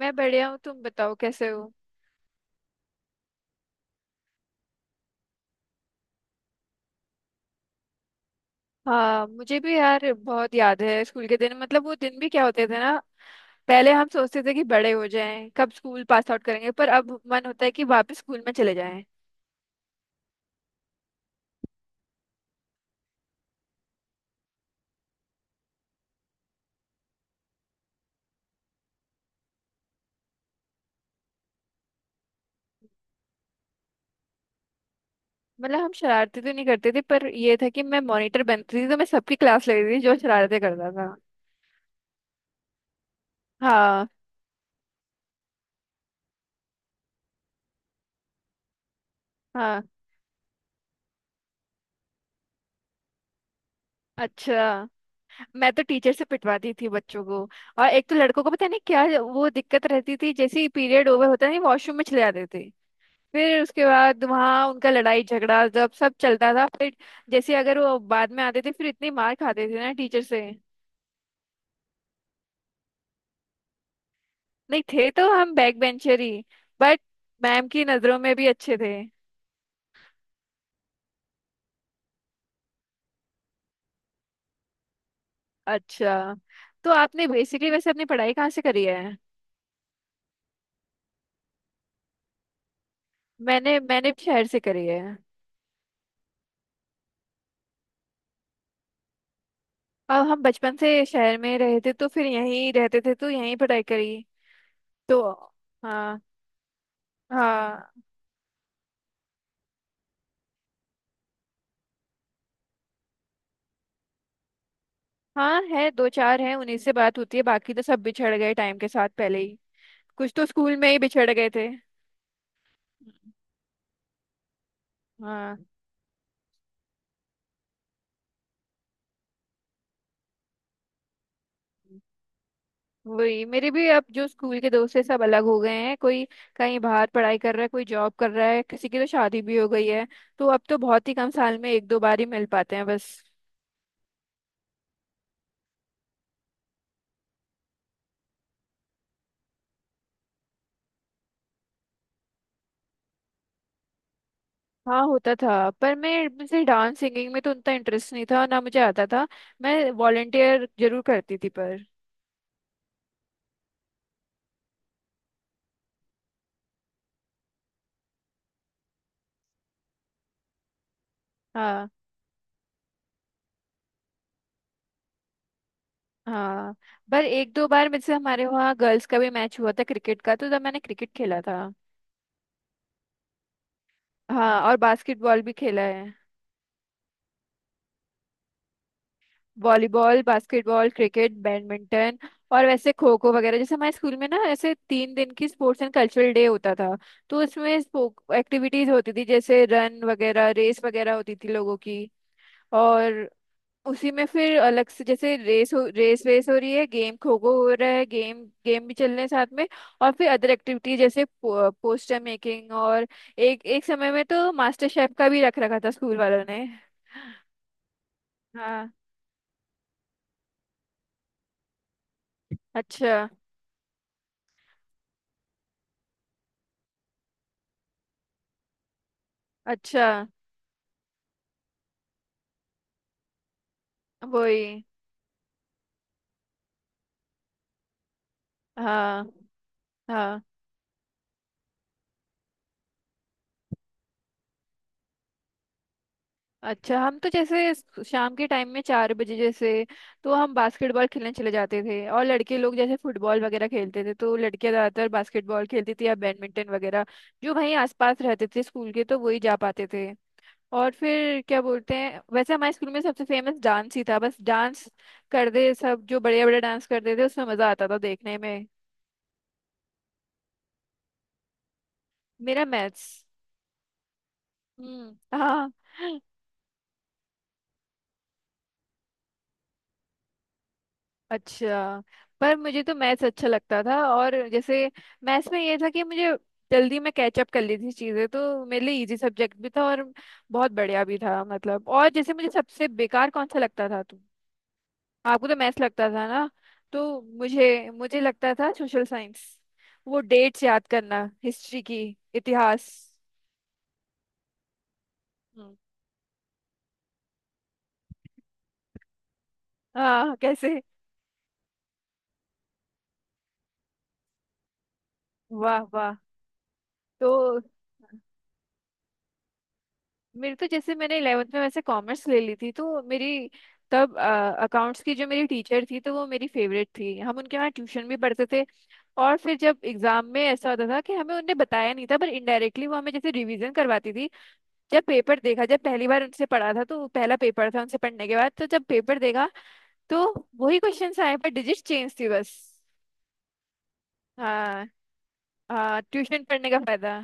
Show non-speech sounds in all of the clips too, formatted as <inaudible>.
मैं बढ़िया हूँ। तुम बताओ कैसे हो। हाँ, मुझे भी यार बहुत याद है स्कूल के दिन। मतलब वो दिन भी क्या होते थे ना। पहले हम सोचते थे कि बड़े हो जाएं, कब स्कूल पास आउट करेंगे, पर अब मन होता है कि वापस स्कूल में चले जाएं। मतलब हम शरारती तो नहीं करते थे, पर ये था कि मैं मॉनिटर बनती थी, तो मैं सबकी क्लास लेती थी जो शरारतें करता था। हाँ, हाँ। अच्छा। मैं तो टीचर से पिटवाती थी बच्चों को। और एक तो लड़कों को पता नहीं क्या वो दिक्कत रहती थी, जैसे ही पीरियड ओवर होता नहीं वॉशरूम में चले जाते थे। फिर उसके बाद वहाँ उनका लड़ाई झगड़ा जब सब चलता था फिर। जैसे अगर वो बाद में आते थे, फिर इतनी मार खाते थे ना टीचर से। नहीं, थे तो हम बैक बेंचर ही, बट मैम की नजरों में भी अच्छे थे। अच्छा, तो आपने बेसिकली वैसे अपनी पढ़ाई कहाँ से करी है। मैंने मैंने भी शहर से करी है। और हम बचपन से शहर में रहे थे तो फिर यहीं रहते थे, तो यहीं पढ़ाई करी तो। हाँ, हाँ। हाँ, है दो चार, हैं उन्हीं से बात होती है, बाकी तो सब बिछड़ गए टाइम के साथ पहले ही। कुछ तो स्कूल में ही बिछड़ गए थे। हाँ, वही मेरे भी अब जो स्कूल के दोस्त है सब अलग हो गए हैं, कोई कहीं बाहर पढ़ाई कर रहा है, कोई जॉब कर रहा है, किसी की तो शादी भी हो गई है। तो अब तो बहुत ही कम, साल में एक दो बार ही मिल पाते हैं बस। हाँ, होता था पर मैं मुझे डांस सिंगिंग में तो उतना इंटरेस्ट नहीं था, ना मुझे आता था। मैं वॉलेंटियर जरूर करती थी पर। हाँ, हाँ। पर एक दो बार मुझसे, हमारे वहाँ गर्ल्स का भी मैच हुआ था क्रिकेट का, तो तब मैंने क्रिकेट खेला था। हाँ, और बास्केटबॉल भी खेला है। Volleyball, basketball, cricket, badminton. और वैसे खो खो वगैरह, जैसे हमारे स्कूल में ना ऐसे तीन दिन की स्पोर्ट्स एंड कल्चरल डे होता था। तो उसमें एक्टिविटीज होती थी, जैसे रन वगैरह, रेस वगैरह होती थी लोगों की। और उसी में फिर अलग से, जैसे रेस हो, रेस वेस हो रही है, गेम खो खो हो रहा है, गेम गेम भी चल रहे हैं साथ में। और फिर अदर एक्टिविटीज, जैसे पोस्टर मेकिंग और एक एक समय में तो मास्टर शेफ का भी रख रखा था स्कूल वालों ने। हाँ। अच्छा, अच्छा। वही। हाँ, हाँ। अच्छा, हम तो जैसे शाम के टाइम में चार बजे जैसे, तो हम बास्केटबॉल खेलने चले जाते थे, और लड़के लोग जैसे फुटबॉल वगैरह खेलते थे, तो लड़कियां ज़्यादातर बास्केटबॉल खेलती थी या बैडमिंटन वगैरह। जो वहीं आसपास रहते थे स्कूल के तो वही जा पाते थे। और फिर क्या बोलते हैं, वैसे हमारे स्कूल में सबसे फेमस डांस ही था, बस डांस करते सब, जो बड़े बड़े डांस करते थे उसमें मज़ा आता था देखने में। मेरा मैथ्स। हाँ। अच्छा। पर मुझे तो मैथ्स अच्छा लगता था, और जैसे मैथ्स में ये था कि मुझे जल्दी में कैचअप कर ली थी चीज़ें, तो मेरे लिए इजी सब्जेक्ट भी था, और बहुत बढ़िया भी था मतलब। और जैसे मुझे सबसे बेकार कौन सा लगता था, तुम आपको तो मैथ्स लगता था ना, तो मुझे मुझे लगता था सोशल साइंस। वो डेट्स याद करना हिस्ट्री की। इतिहास। हम्म। हाँ, कैसे? वाह, वाह। तो मेरे तो जैसे मैंने इलेवेंथ में वैसे कॉमर्स ले ली थी, तो मेरी तब अकाउंट्स की जो मेरी टीचर थी तो वो मेरी फेवरेट थी, हम उनके वहाँ ट्यूशन भी पढ़ते थे। और फिर जब एग्जाम में ऐसा होता था कि हमें उनने बताया नहीं था, पर इनडायरेक्टली वो हमें जैसे रिवीजन करवाती थी। जब पेपर देखा, जब पहली बार उनसे पढ़ा था तो पहला पेपर था उनसे पढ़ने के बाद, तो जब पेपर देखा, तो वही क्वेश्चन आए पर डिजिट चेंज थी बस। हाँ। हाँ, ट्यूशन पढ़ने का फायदा।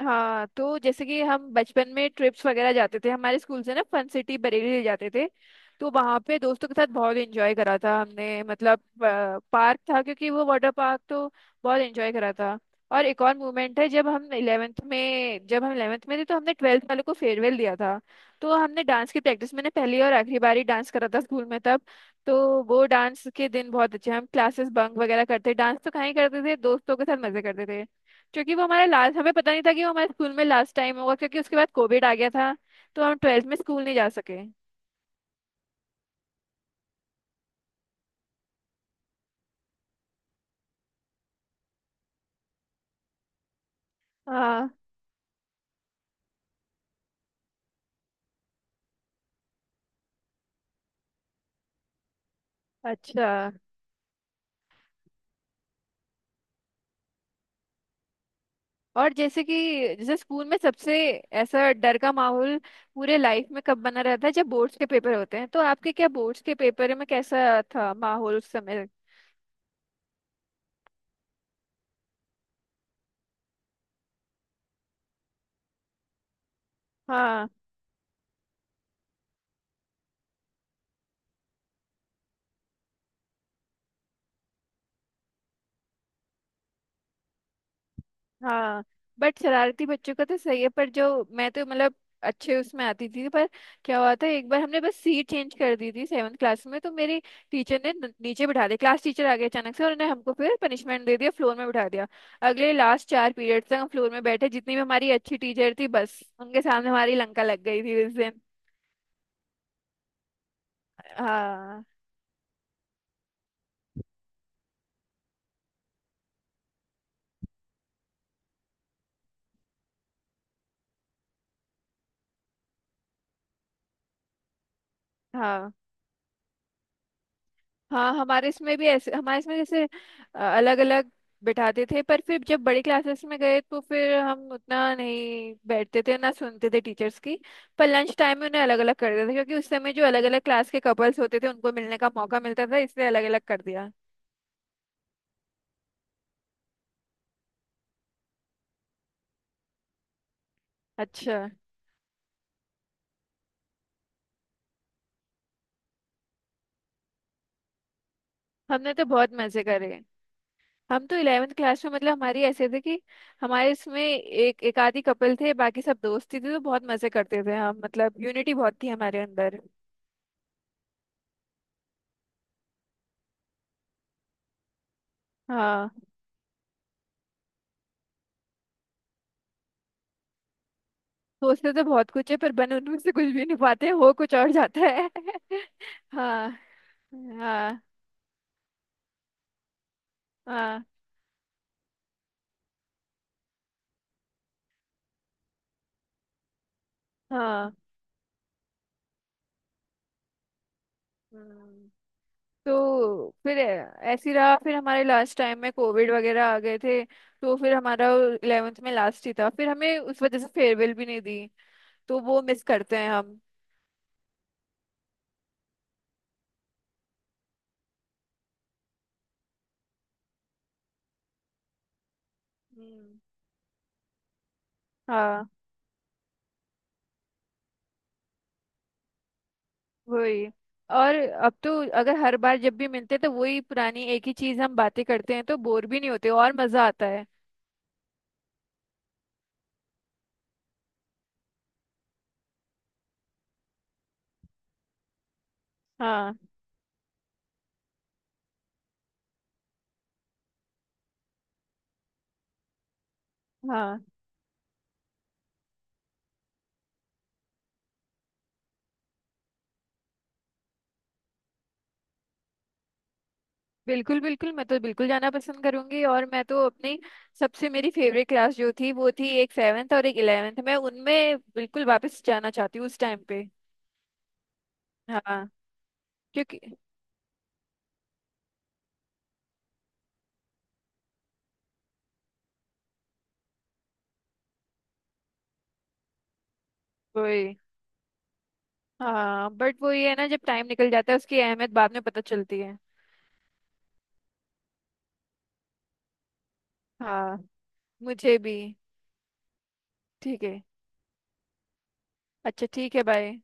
हाँ, तो जैसे कि हम बचपन में ट्रिप्स वगैरह जाते थे, हमारे स्कूल से ना फन सिटी बरेली ले जाते थे। तो वहाँ पे दोस्तों के साथ बहुत एंजॉय करा था हमने मतलब। पार्क था, क्योंकि वो वाटर पार्क, तो बहुत एंजॉय करा था। और एक और मोमेंट है जब हम इलेवेंथ में थे तो हमने ट्वेल्थ वालों को फेयरवेल दिया था। तो हमने डांस की प्रैक्टिस, मैंने पहली और आखिरी बार ही डांस करा था स्कूल में तब। तो वो डांस के दिन बहुत अच्छे, हम क्लासेस बंक वगैरह करते, डांस तो कहीं करते थे, दोस्तों के साथ मजे करते थे। क्योंकि वो हमारा लास्ट, हमें पता नहीं था कि वो हमारे स्कूल में लास्ट टाइम होगा, क्योंकि उसके बाद कोविड आ गया था। तो हम ट्वेल्थ में स्कूल नहीं जा सके। हाँ। अच्छा। और जैसे कि जैसे स्कूल में सबसे ऐसा डर का माहौल पूरे लाइफ में कब बना रहता है, जब बोर्ड्स के पेपर होते हैं, तो आपके क्या बोर्ड्स के पेपर में कैसा था माहौल उस समय? हाँ। हाँ, बट शरारती बच्चों का तो सही है, पर जो मैं तो मतलब अच्छे उसमें आती थी पर क्या हुआ था एक बार, हमने बस सीट चेंज कर दी थी सेवन्थ क्लास में, तो मेरी टीचर ने नीचे बिठा दिया, क्लास टीचर आ गए अचानक से, और उन्होंने हमको फिर पनिशमेंट दे दिया, फ्लोर में बिठा दिया। अगले लास्ट चार पीरियड तक हम फ्लोर में बैठे, जितनी भी हमारी अच्छी टीचर थी बस उनके सामने हमारी लंका लग गई थी उस दिन। हाँ। हाँ। हाँ, हमारे इसमें भी ऐसे, हमारे इसमें जैसे अलग अलग बैठाते थे, पर फिर जब बड़ी क्लासेस में गए तो फिर हम उतना नहीं बैठते थे, ना सुनते थे टीचर्स की। पर लंच टाइम में उन्हें अलग अलग कर देते थे, क्योंकि उस समय जो अलग अलग क्लास के कपल्स होते थे उनको मिलने का मौका मिलता था, इसलिए अलग अलग कर दिया। अच्छा। हमने तो बहुत मजे करे। हम तो इलेवेंथ क्लास में मतलब हमारी ऐसे थे कि हमारे इसमें एक एक आधी कपल थे, बाकी सब दोस्ती थी, तो बहुत मजे करते थे हम, मतलब यूनिटी बहुत थी हमारे अंदर। हाँ, सोचते तो बहुत कुछ है पर बन उनमें से कुछ भी नहीं पाते हो, कुछ और जाता है। <laughs> हाँ। हाँ। हाँ। हाँ। हम्म। तो फिर ऐसे ही रहा, फिर हमारे लास्ट टाइम में कोविड वगैरह आ गए थे। तो फिर हमारा इलेवेंथ में लास्ट ही था, फिर हमें उस वजह से फेयरवेल भी नहीं दी। तो वो मिस करते हैं हम। हम्म। हाँ, वही। और अब तो अगर हर बार जब भी मिलते हैं तो वही पुरानी एक ही चीज हम बातें करते हैं, तो बोर भी नहीं होते, और मजा आता है। हाँ। हाँ, बिल्कुल, बिल्कुल, मैं तो बिल्कुल जाना पसंद करूंगी, और मैं तो अपनी सबसे मेरी फेवरेट क्लास जो थी वो थी एक सेवेंथ और एक इलेवेंथ, मैं उनमें बिल्कुल वापस जाना चाहती हूँ उस टाइम पे। हाँ। क्योंकि वही। हाँ, बट वो ये है ना, जब टाइम निकल जाता है उसकी अहमियत बाद में पता चलती है। हाँ, मुझे भी। ठीक है। अच्छा, ठीक है। बाय।